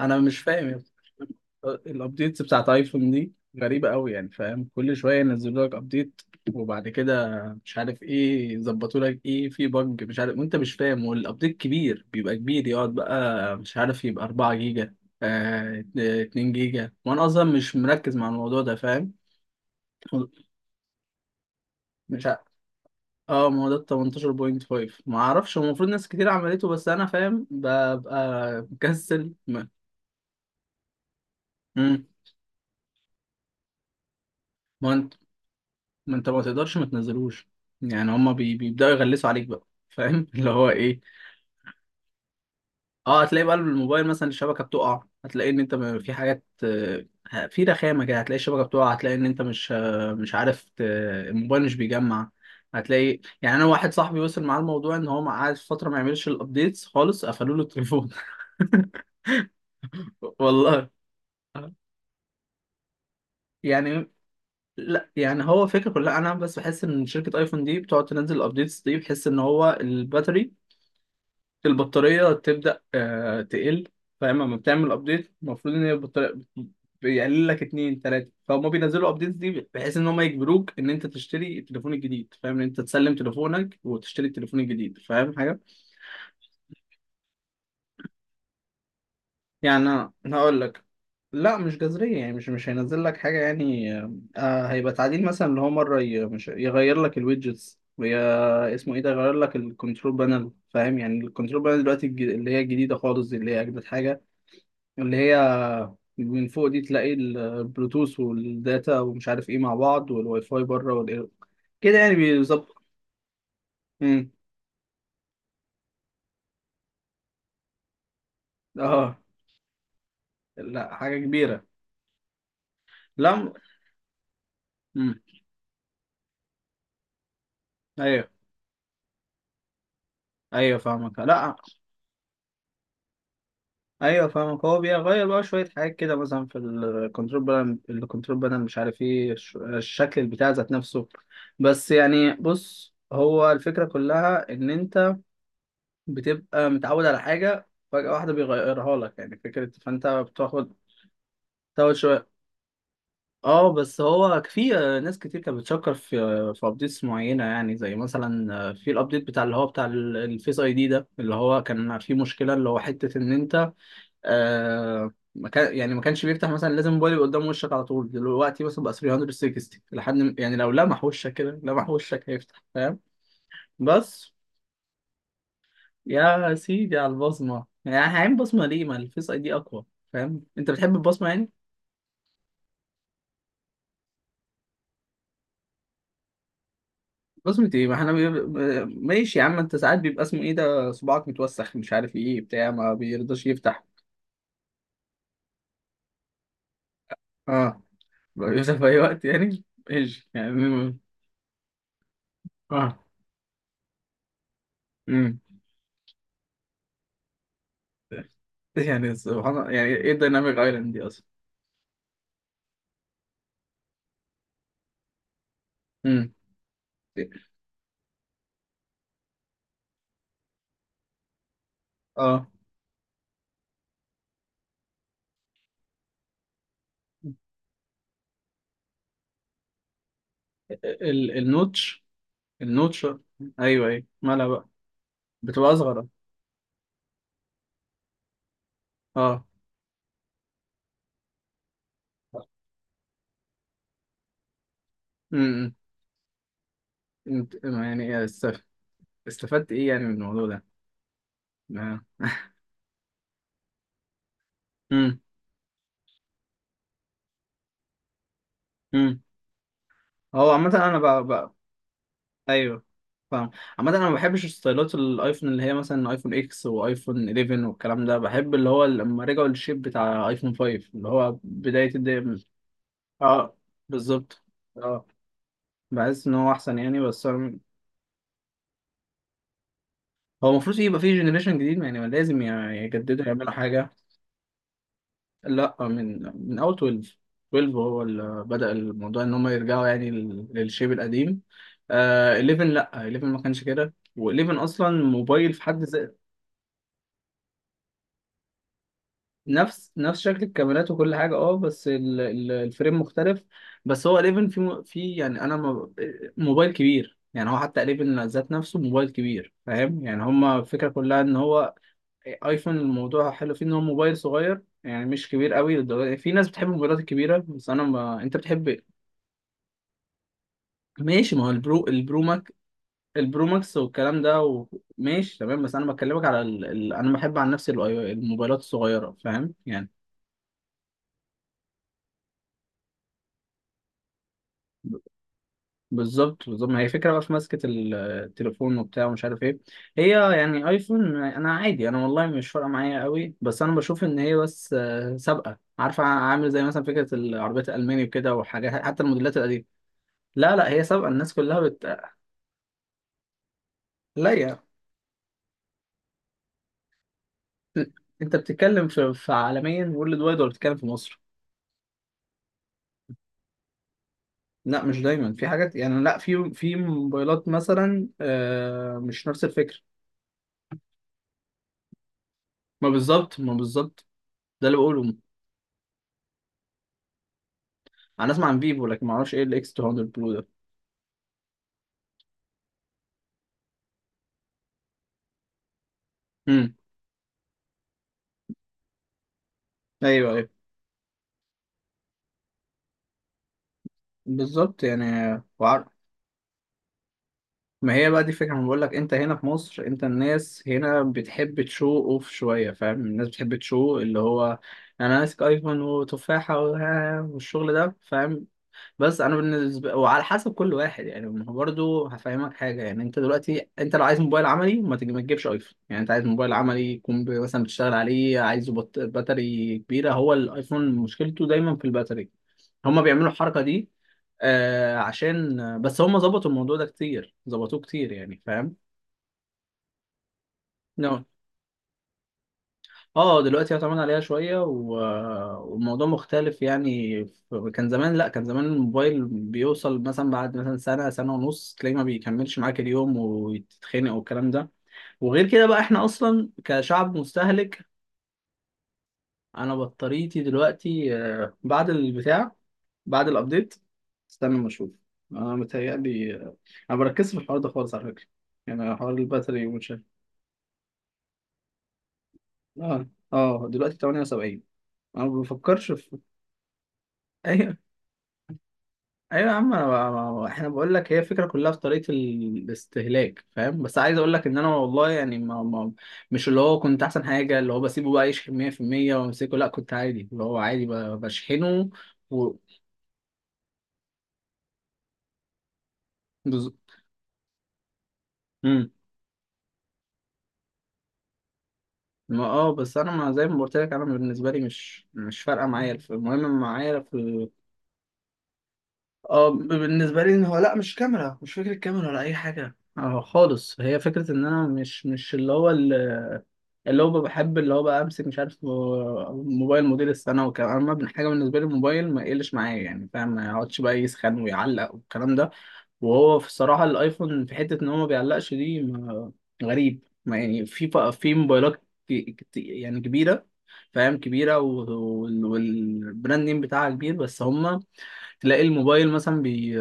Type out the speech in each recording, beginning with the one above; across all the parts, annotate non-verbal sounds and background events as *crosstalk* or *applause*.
انا مش فاهم يا اسطى. الابديتس بتاعت ايفون دي غريبة قوي، يعني فاهم كل شوية ينزلوا لك ابديت وبعد كده مش عارف ايه، يظبطوا لك ايه في بج مش عارف وانت مش فاهم، والابديت كبير بيبقى كبير، يقعد بقى مش عارف يبقى 4 جيجا، آه 2 جيجا، وانا اصلا مش مركز مع الموضوع ده فاهم. مش عارف. اه ما هو ده ال 18.5، ما اعرفش، هو المفروض ناس كتير عملته بس انا فاهم ببقى مكسل ما. مم. ما انت ما تقدرش ما تنزلوش. يعني هما بيبداوا يغلسوا عليك بقى فاهم *laughs* اللي هو ايه. اه هتلاقي بقى الموبايل مثلا الشبكه بتقع، هتلاقي ان انت في حاجات في رخامه كده، هتلاقي الشبكه بتقع، هتلاقي ان انت مش مش عارف الموبايل مش بيجمع. هتلاقي يعني انا واحد صاحبي وصل معاه الموضوع ان هو قعد فتره ما يعملش الابديتس خالص قفلوا له التليفون. *laughs* والله. يعني. لا يعني هو فكرة كلها، انا بس بحس ان شركة ايفون دي بتقعد تنزل الابديتس دي، بحس ان هو الباتري، البطارية تبدأ تقل. فاهم لما بتعمل ابديت المفروض ان هي البطارية بت- بيقلل لك اتنين تلاتة، فهم بينزلوا ابديتس دي بحيث ان هم يجبروك ان انت تشتري التليفون الجديد، فاهم، ان انت تسلم تليفونك وتشتري التليفون الجديد فاهم حاجة. يعني انا هقول لك. لا مش جذرية يعني مش هينزل لك حاجة يعني. آه هيبقى تعديل مثلا اللي هو مرة مش يغير لك الويدجتس ويا اسمه ايه ده، يغير لك الكنترول بانل فاهم، يعني الكنترول بانل دلوقتي اللي هي الجديدة خالص دي، اللي هي اجدد حاجة. اللي هي من فوق دي تلاقي البلوتوث والداتا ومش عارف ايه مع بعض، والواي فاي بره والاير، كده يعني بيظبط. امم. اه. لا حاجه كبيره. لا. امم. ايوه ايوه فاهمك. لا. ايوه فاهمك. هو بيغير بقى شويه حاجات كده، مثلا في الكنترول بانل، الكنترول بانل مش عارف ايه الشكل بتاع ذات نفسه. بس يعني بص هو الفكره كلها ان انت بتبقى متعود على حاجه فجاه واحده بيغيرها لك، يعني فكره، فانت بتاخد شويه. اه بس هو في ناس كتير كانت بتشكر في ابديتس معينه، يعني زي مثلا في الابديت بتاع اللي هو بتاع الفيس اي دي ده، اللي هو كان فيه مشكله، اللي هو حته ان انت ما كان يعني ما كانش بيفتح، مثلا لازم موبايل يبقى قدام وشك على طول، دلوقتي مثلا بقى 360 لحد يعني لو لمح وشك كده لمح وشك هيفتح فاهم. بس يا سيدي على البصمه، يعني هعين بصمه ليه ما الفيس اي دي اقوى؟ فاهم انت بتحب البصمه يعني. بصمة ايه ما احنا ماشي يا عم، انت ساعات بيبقى اسمه ايه ده صباعك متوسخ مش عارف ايه بتاع ما بيرضاش يفتح. اه بيفتح في اي وقت يعني. ايش يعني. اه. امم. يعني سبحان الله يعني ايه الديناميك ايلاند دي اصلا؟ امم. اه النوتش. النوتش. ايوه ايوه مالها بقى؟ بتبقى اصغر. اه. امم. يعني استفدت ايه يعني من الموضوع ده؟ آه. امم. امم. هو عامة انا ايوه فاهم. عامة انا ما بحبش ستايلات الايفون اللي هي مثلا ايفون اكس وايفون 11 والكلام ده، بحب اللي هو لما رجعوا للشيب بتاع ايفون 5، اللي هو بداية الدقيقة. اه بالظبط. اه بحس ان هو احسن يعني، بس هو المفروض يبقى فيه جنريشن جديد، يعني لازم يجددوا يعملوا حاجة. لا من اول 12. 12 هو اللي بدأ الموضوع ان هم يرجعوا يعني للشيب القديم. آه 11 لا 11 ما كانش كده، و11 اصلا موبايل في حد. نفس شكل الكاميرات وكل حاجه اه بس الفريم مختلف. بس هو 11 في في يعني انا موبايل كبير، يعني هو حتى 11 ذات نفسه موبايل كبير فاهم يعني. هما الفكره كلها ان هو ايفون، الموضوع حلو فيه ان هو موبايل صغير، يعني مش كبير قوي للدرجه دي. في ناس بتحب الموبايلات الكبيره بس انا ما انت بتحب إيه؟ ماشي ما هو البرو، البرو البرو ماكس والكلام ده. ماشي تمام، بس انا بكلمك على انا بحب عن نفسي الموبايلات الصغيره فاهم يعني. بالظبط بالظبط، ما هي فكرة بقى في ماسكة التليفون وبتاع ومش عارف ايه هي. يعني ايفون انا عادي، انا والله مش فارقة معايا قوي بس انا بشوف ان هي بس سابقة، عارفة عامل زي مثلا فكرة العربيات الالماني وكده، وحاجات حتى الموديلات القديمة. لا لا هي سابقة الناس كلها لا يا، انت بتتكلم في عالميا وورلد وايد ولا بتتكلم في مصر؟ لا مش دايما، في حاجات يعني، لا في موبايلات مثلا مش نفس الفكرة. ما بالظبط ما بالظبط، ده اللي بقوله. انا اسمع عن فيفو لكن ما اعرفش ايه الاكس 200 برو ده. امم. ايوه ايوه بالظبط يعني. وعر... ما هي بقى دي الفكره انا بقول لك، انت هنا في مصر، انت الناس هنا بتحب تشو اوف شويه، فاهم الناس بتحب تشو اللي هو، انا ماسك ايفون وتفاحه والشغل ده فاهم. بس انا بالنسبه وعلى حسب كل واحد يعني، ما هو برضه هفهمك حاجه، يعني انت دلوقتي انت لو عايز موبايل عملي ما ما تجيبش ايفون، يعني انت عايز موبايل عملي يكون مثلا بتشتغل عليه عايزه باتري كبيره، هو الايفون مشكلته دايما في الباتري. هما بيعملوا الحركه دي آه، عشان بس هما ظبطوا الموضوع ده كتير، ظبطوه كتير يعني فاهم. اه دلوقتي اعتمد عليها شوية والموضوع مختلف يعني، كان زمان، لا كان زمان الموبايل بيوصل مثلا بعد مثلا سنة سنة ونص تلاقيه ما بيكملش معاك اليوم وتتخنق والكلام ده. وغير كده بقى احنا اصلا كشعب مستهلك. انا بطاريتي دلوقتي بعد البتاع، بعد الابديت. استنى ما اشوف. انا متهيألي انا ما بركزش في الحوار ده خالص على فكرة، يعني حوار الباتري ومش عارف. اه اه دلوقتي 78. انا ما بفكرش في *laughs* اي ايوه يا عم. انا بقى احنا بقول لك هي الفكره كلها في طريقه الاستهلاك فاهم، بس عايز اقول لك ان انا والله يعني ما مش اللي هو كنت احسن حاجه اللي هو بسيبه بقى يشحن 100% وامسكه، لا كنت عادي اللي هو عادي بشحنه. و بز... مم. ما اه بس انا ما زي ما قلت لك انا بالنسبه لي مش فارقه معايا المهم معايا في اه. بالنسبه لي ان هو لا مش كاميرا، مش فكره كاميرا ولا اي حاجه اه خالص، هي فكره ان انا مش اللي هو، اللي هو بحب اللي هو بقى امسك مش عارف موبايل موديل السنه وكلام، اما ابن حاجه بالنسبه لي الموبايل ما يقلش معايا يعني، فاهم ما يقعدش بقى يسخن ويعلق والكلام ده. وهو في الصراحه الايفون في حته ان هو ما بيعلقش دي غريب ما يعني في في موبايلات يعني كبيره، فاهم كبيره والبراند نيم بتاعها كبير، بس هما تلاقي الموبايل مثلا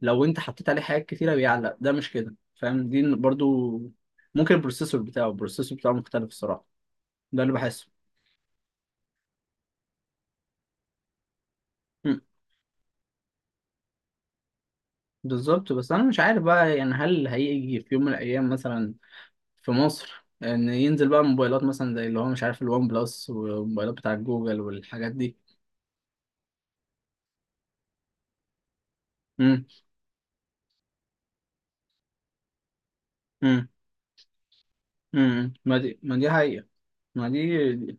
لو انت حطيت عليه حاجات كتيره بيعلق، ده مش كده فاهم، دي برضو ممكن البروسيسور بتاعه، البروسيسور بتاعه مختلف الصراحه، ده اللي بحسه. مم. بالظبط، بس انا مش عارف بقى يعني هل هيجي في يوم من الايام مثلا في مصر ان ينزل بقى موبايلات مثلا زي اللي هو مش عارف الوان بلس والموبايلات بتاعت جوجل والحاجات دي. امم. امم. ما دي، ما دي حقيقة. ما دي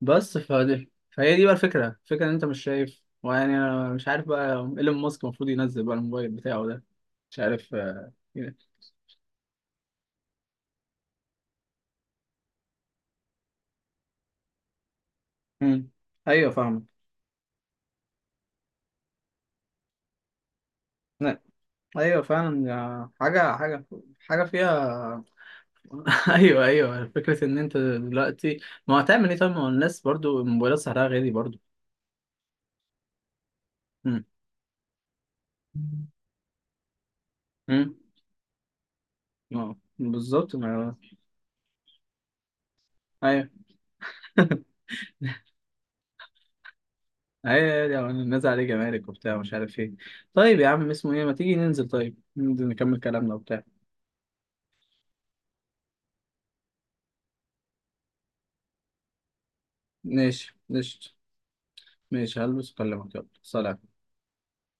بس فدي فهي دي بقى الفكرة ان انت مش شايف، ويعني انا مش عارف بقى. ايلون ماسك المفروض ينزل بقى الموبايل بتاعه ده مش عارف يعني. مم. ايوه فاهمك. لا، ايوه فعلا حاجة حاجة حاجة فيها. ايوه ايوه فكره ان انت دلوقتي، ما هو هتعمل ايه طيب، ما هو الناس برضو الموبايلات سعرها غالي برضو. امم. امم. اه بالظبط ما. ايوه *laughs* ايوه أيوة، الناس عليه جمارك وبتاع مش عارف ايه. طيب يا عم اسمه ايه، ما تيجي ننزل، طيب ننزل نكمل كلامنا وبتاع. ماشي. ماشي ماشي هلبس اكلمك يلا سلام.